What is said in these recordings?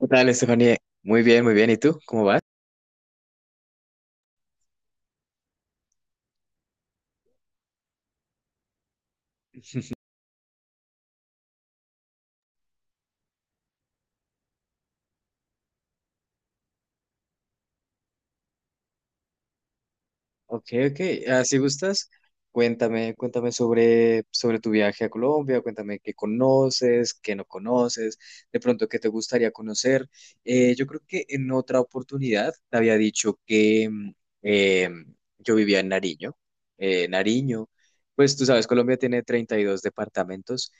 ¿Qué tal, Estefanía? Muy bien, muy bien. ¿Y tú? ¿Cómo vas? Ok, ok. Ah, si gustas, cuéntame sobre tu viaje a Colombia, cuéntame qué conoces, qué no conoces, de pronto qué te gustaría conocer. Yo creo que en otra oportunidad te había dicho que eh, yo vivía en Nariño. Nariño, pues tú sabes, Colombia tiene 32 departamentos.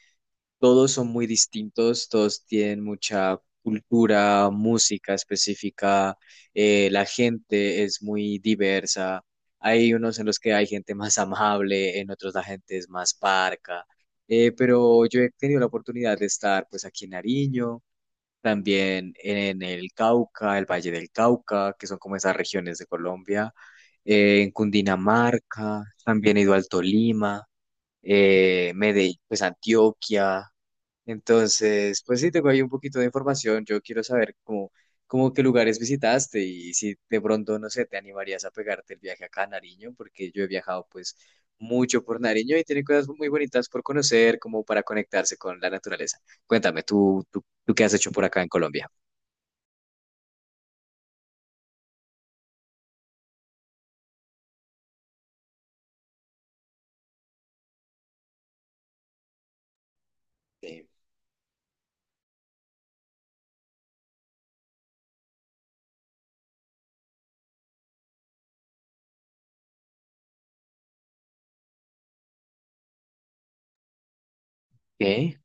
Todos son muy distintos, todos tienen mucha cultura, música específica, la gente es muy diversa. Hay unos en los que hay gente más amable, en otros la gente es más parca. Pero yo he tenido la oportunidad de estar pues aquí en Nariño, también en el Cauca, el Valle del Cauca, que son como esas regiones de Colombia, en Cundinamarca, también he ido al Tolima, Medellín, pues Antioquia, entonces, pues sí, tengo ahí un poquito de información. Yo quiero saber cómo qué lugares visitaste y si de pronto, no sé, te animarías a pegarte el viaje acá a Nariño, porque yo he viajado pues mucho por Nariño y tiene cosas muy bonitas por conocer, como para conectarse con la naturaleza. Cuéntame, ¿tú qué has hecho por acá en Colombia? Sí. ¿Qué?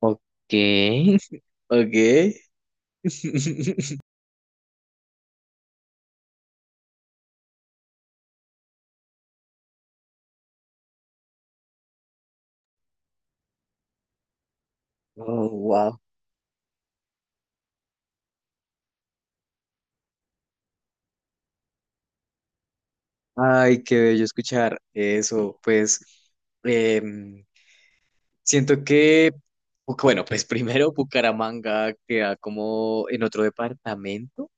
Ok, ok. Oh, wow. Ay, qué bello escuchar eso. Pues, em, siento que, bueno, pues primero Bucaramanga queda como en otro departamento,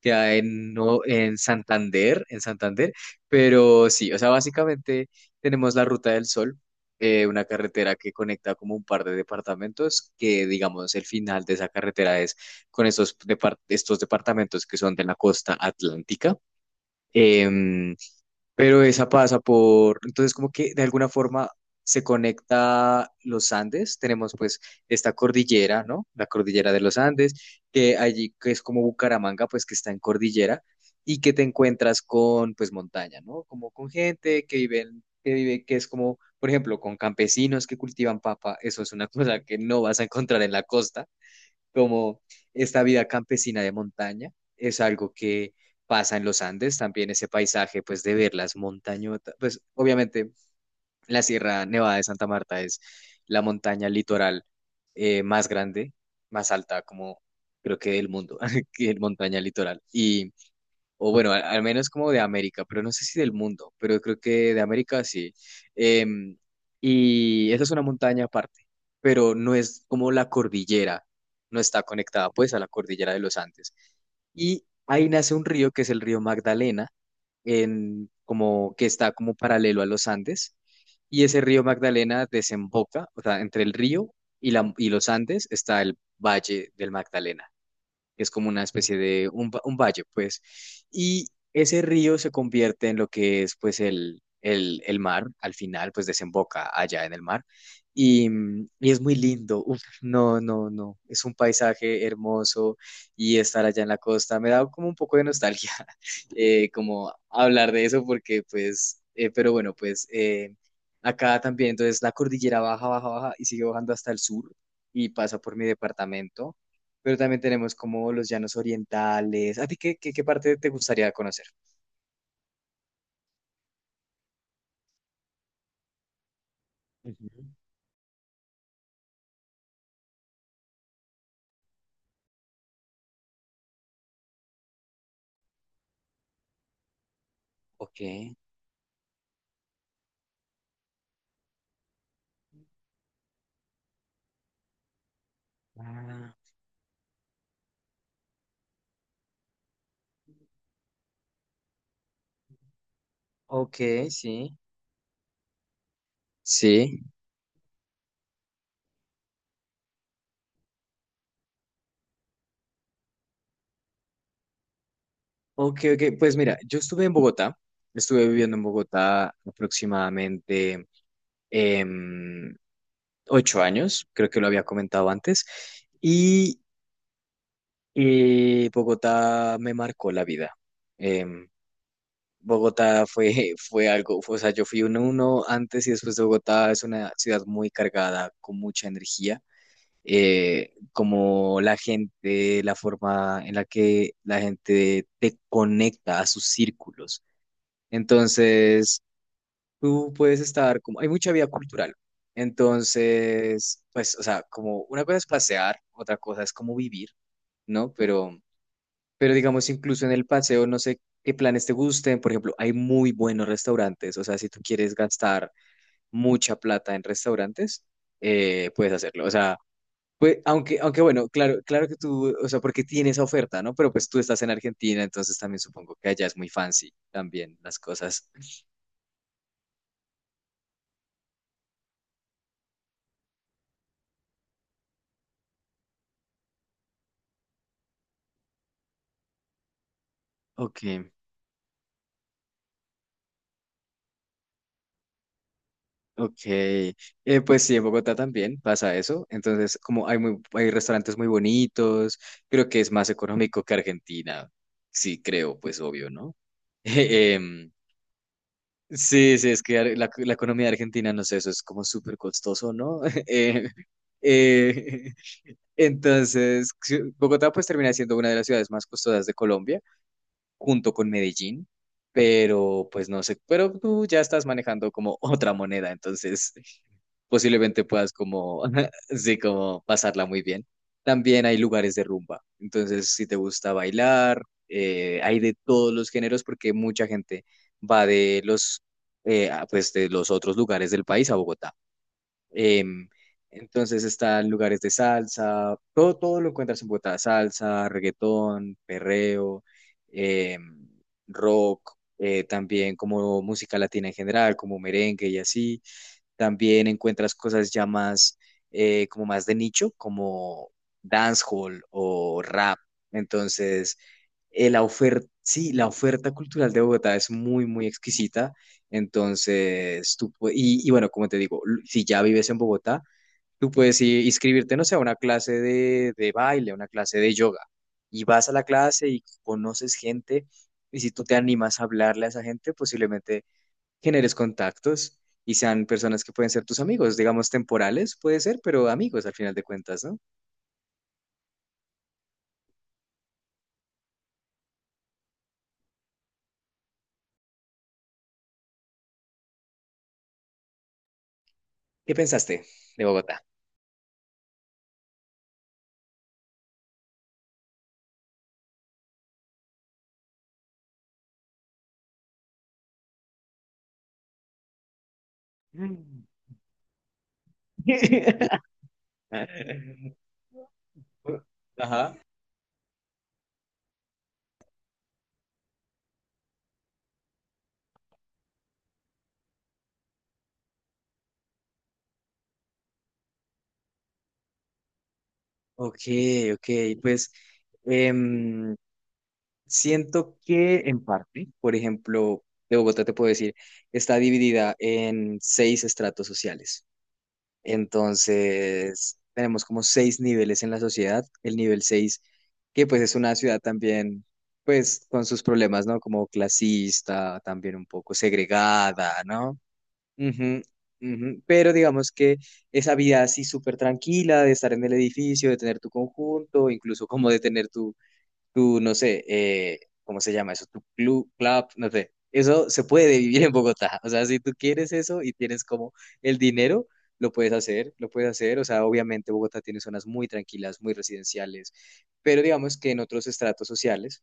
queda en, no, en Santander, pero sí, o sea, básicamente tenemos la Ruta del Sol, una carretera que conecta como un par de departamentos, que digamos el final de esa carretera es con estos departamentos que son de la costa atlántica. em, pero esa pasa por, entonces como que de alguna forma se conecta los Andes, tenemos pues esta cordillera, ¿no? La cordillera de los Andes, que allí que es como Bucaramanga, pues que está en cordillera y que te encuentras con pues montaña, ¿no? Como con gente que vive, que es como, por ejemplo, con campesinos que cultivan papa, eso es una cosa que no vas a encontrar en la costa como esta vida campesina de montaña es algo que pasa en los Andes, también ese paisaje pues de ver las montañotas, pues obviamente la Sierra Nevada de Santa Marta es la montaña litoral más grande, más alta como creo que del mundo, que es montaña litoral. Y o bueno, al menos como de América, pero no sé si del mundo, pero creo que de América sí. Em, y esa es una montaña aparte, pero no es como la cordillera, no está conectada pues a la cordillera de los Andes. Y ahí nace un río que es el río Magdalena, en, como, que está como paralelo a los Andes. Y ese río Magdalena desemboca, o sea, entre el río y los Andes está el Valle del Magdalena es como una especie de un, un valle, pues. Y ese río se convierte en lo que es, pues, el mar, al final, pues, desemboca allá en el mar. Y, y es muy lindo, Uf, no, no, no, es un paisaje hermoso y estar allá en la costa me da como un poco de nostalgia, como hablar de eso porque, pues, pero bueno, pues... Acá también, entonces la cordillera baja, baja, baja y sigue bajando hasta el sur y pasa por mi departamento pero también tenemos como los llanos orientales. ¿A ti qué parte te gustaría conocer? Ujú. Ok. Ah, ok, sí. Sí. Ok, ok. Pues mira, yo estuve en Bogotá. Estuve viviendo en Bogotá aproximadamente em, 8 años. Creo que lo había comentado antes. Y Bogotá me marcó la vida. em, Bogotá fue algo, o sea, yo fui uno antes y después de Bogotá, es una ciudad muy cargada, con mucha energía. Como la gente, la forma en la que la gente te conecta a sus círculos. Entonces, tú puedes estar como, hay mucha vida cultural. Entonces, pues, o sea, como una cosa es pasear, otra cosa es como vivir, ¿no? Pero digamos, incluso en el paseo, no sé qué planes te gusten. Por ejemplo, hay muy buenos restaurantes. O sea, si tú quieres gastar mucha plata en restaurantes, puedes hacerlo. O sea, pues, aunque bueno, claro, que tú, o sea, porque tienes esa oferta, ¿no? Pero pues tú estás en Argentina, entonces también supongo que allá es muy fancy también las cosas. Ok. Ok, pues sí, en Bogotá también pasa eso. Entonces, como hay restaurantes muy bonitos, creo que es más económico que Argentina. Sí, creo, pues obvio, ¿no? Em, sí, sí, es que la economía de Argentina, no sé, eso es como súper costoso, ¿no? Eh, eh, entonces, sí, Bogotá pues termina siendo una de las ciudades más costosas de Colombia, junto con Medellín, pero pues no sé, pero tú ya estás manejando como otra moneda, entonces posiblemente puedas como, sí, como pasarla muy bien. También hay lugares de rumba, entonces si te gusta bailar, hay de todos los géneros porque mucha gente va pues de los otros lugares del país a Bogotá. Em, entonces están lugares de salsa, todo, todo lo encuentras en Bogotá, salsa, reggaetón, perreo, em, rock, también como música latina en general, como merengue y así. También encuentras cosas ya más, como más de nicho, como dancehall o rap. Entonces, la oferta, sí, la oferta cultural de Bogotá es muy, muy exquisita entonces, tú, y bueno, como te digo, si ya vives en Bogotá, tú puedes inscribirte, no sé, a una clase de baile, a una clase de yoga, y vas a la clase y conoces gente, y si tú te animas a hablarle a esa gente, posiblemente generes contactos y sean personas que pueden ser tus amigos, digamos temporales, puede ser, pero amigos al final de cuentas, ¿no? ¿Qué pensaste de Bogotá? ¿Ah? Ok, ok, pues... Siento que en parte, por ejemplo, de Bogotá te puedo decir, está dividida en seis estratos sociales. Entonces, tenemos como seis niveles en la sociedad. El nivel seis, que pues es una ciudad también, pues con sus problemas, ¿no? Como clasista, también un poco segregada, ¿no? Ujú, ujú. Pero digamos que esa vida así súper tranquila de estar en el edificio, de tener tu conjunto, incluso como de tener tú, no sé, ¿cómo se llama eso? Tu club, no sé. Eso se puede vivir en Bogotá. O sea, si tú quieres eso y tienes como el dinero, lo puedes hacer, lo puedes hacer. O sea, obviamente Bogotá tiene zonas muy tranquilas, muy residenciales, pero digamos que en otros estratos sociales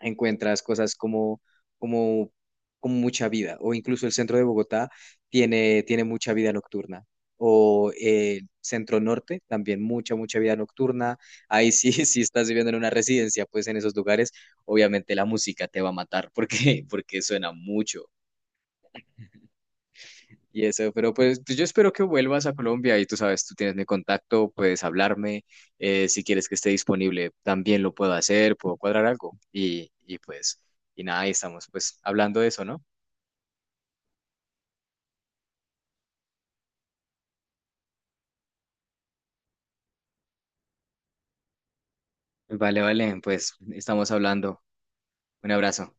encuentras cosas como, como mucha vida, o incluso el centro de Bogotá tiene mucha vida nocturna, o centro norte también mucha, mucha vida nocturna. Ahí sí, si estás viviendo en una residencia, pues en esos lugares, obviamente la música te va a matar porque, suena mucho. Y eso, pero pues yo espero que vuelvas a Colombia y tú sabes, tú tienes mi contacto, puedes hablarme, si quieres que esté disponible, también lo puedo hacer, puedo cuadrar algo. Y pues, y nada, ahí estamos pues hablando de eso, ¿no? Vale, vale, pues estamos hablando. Un abrazo.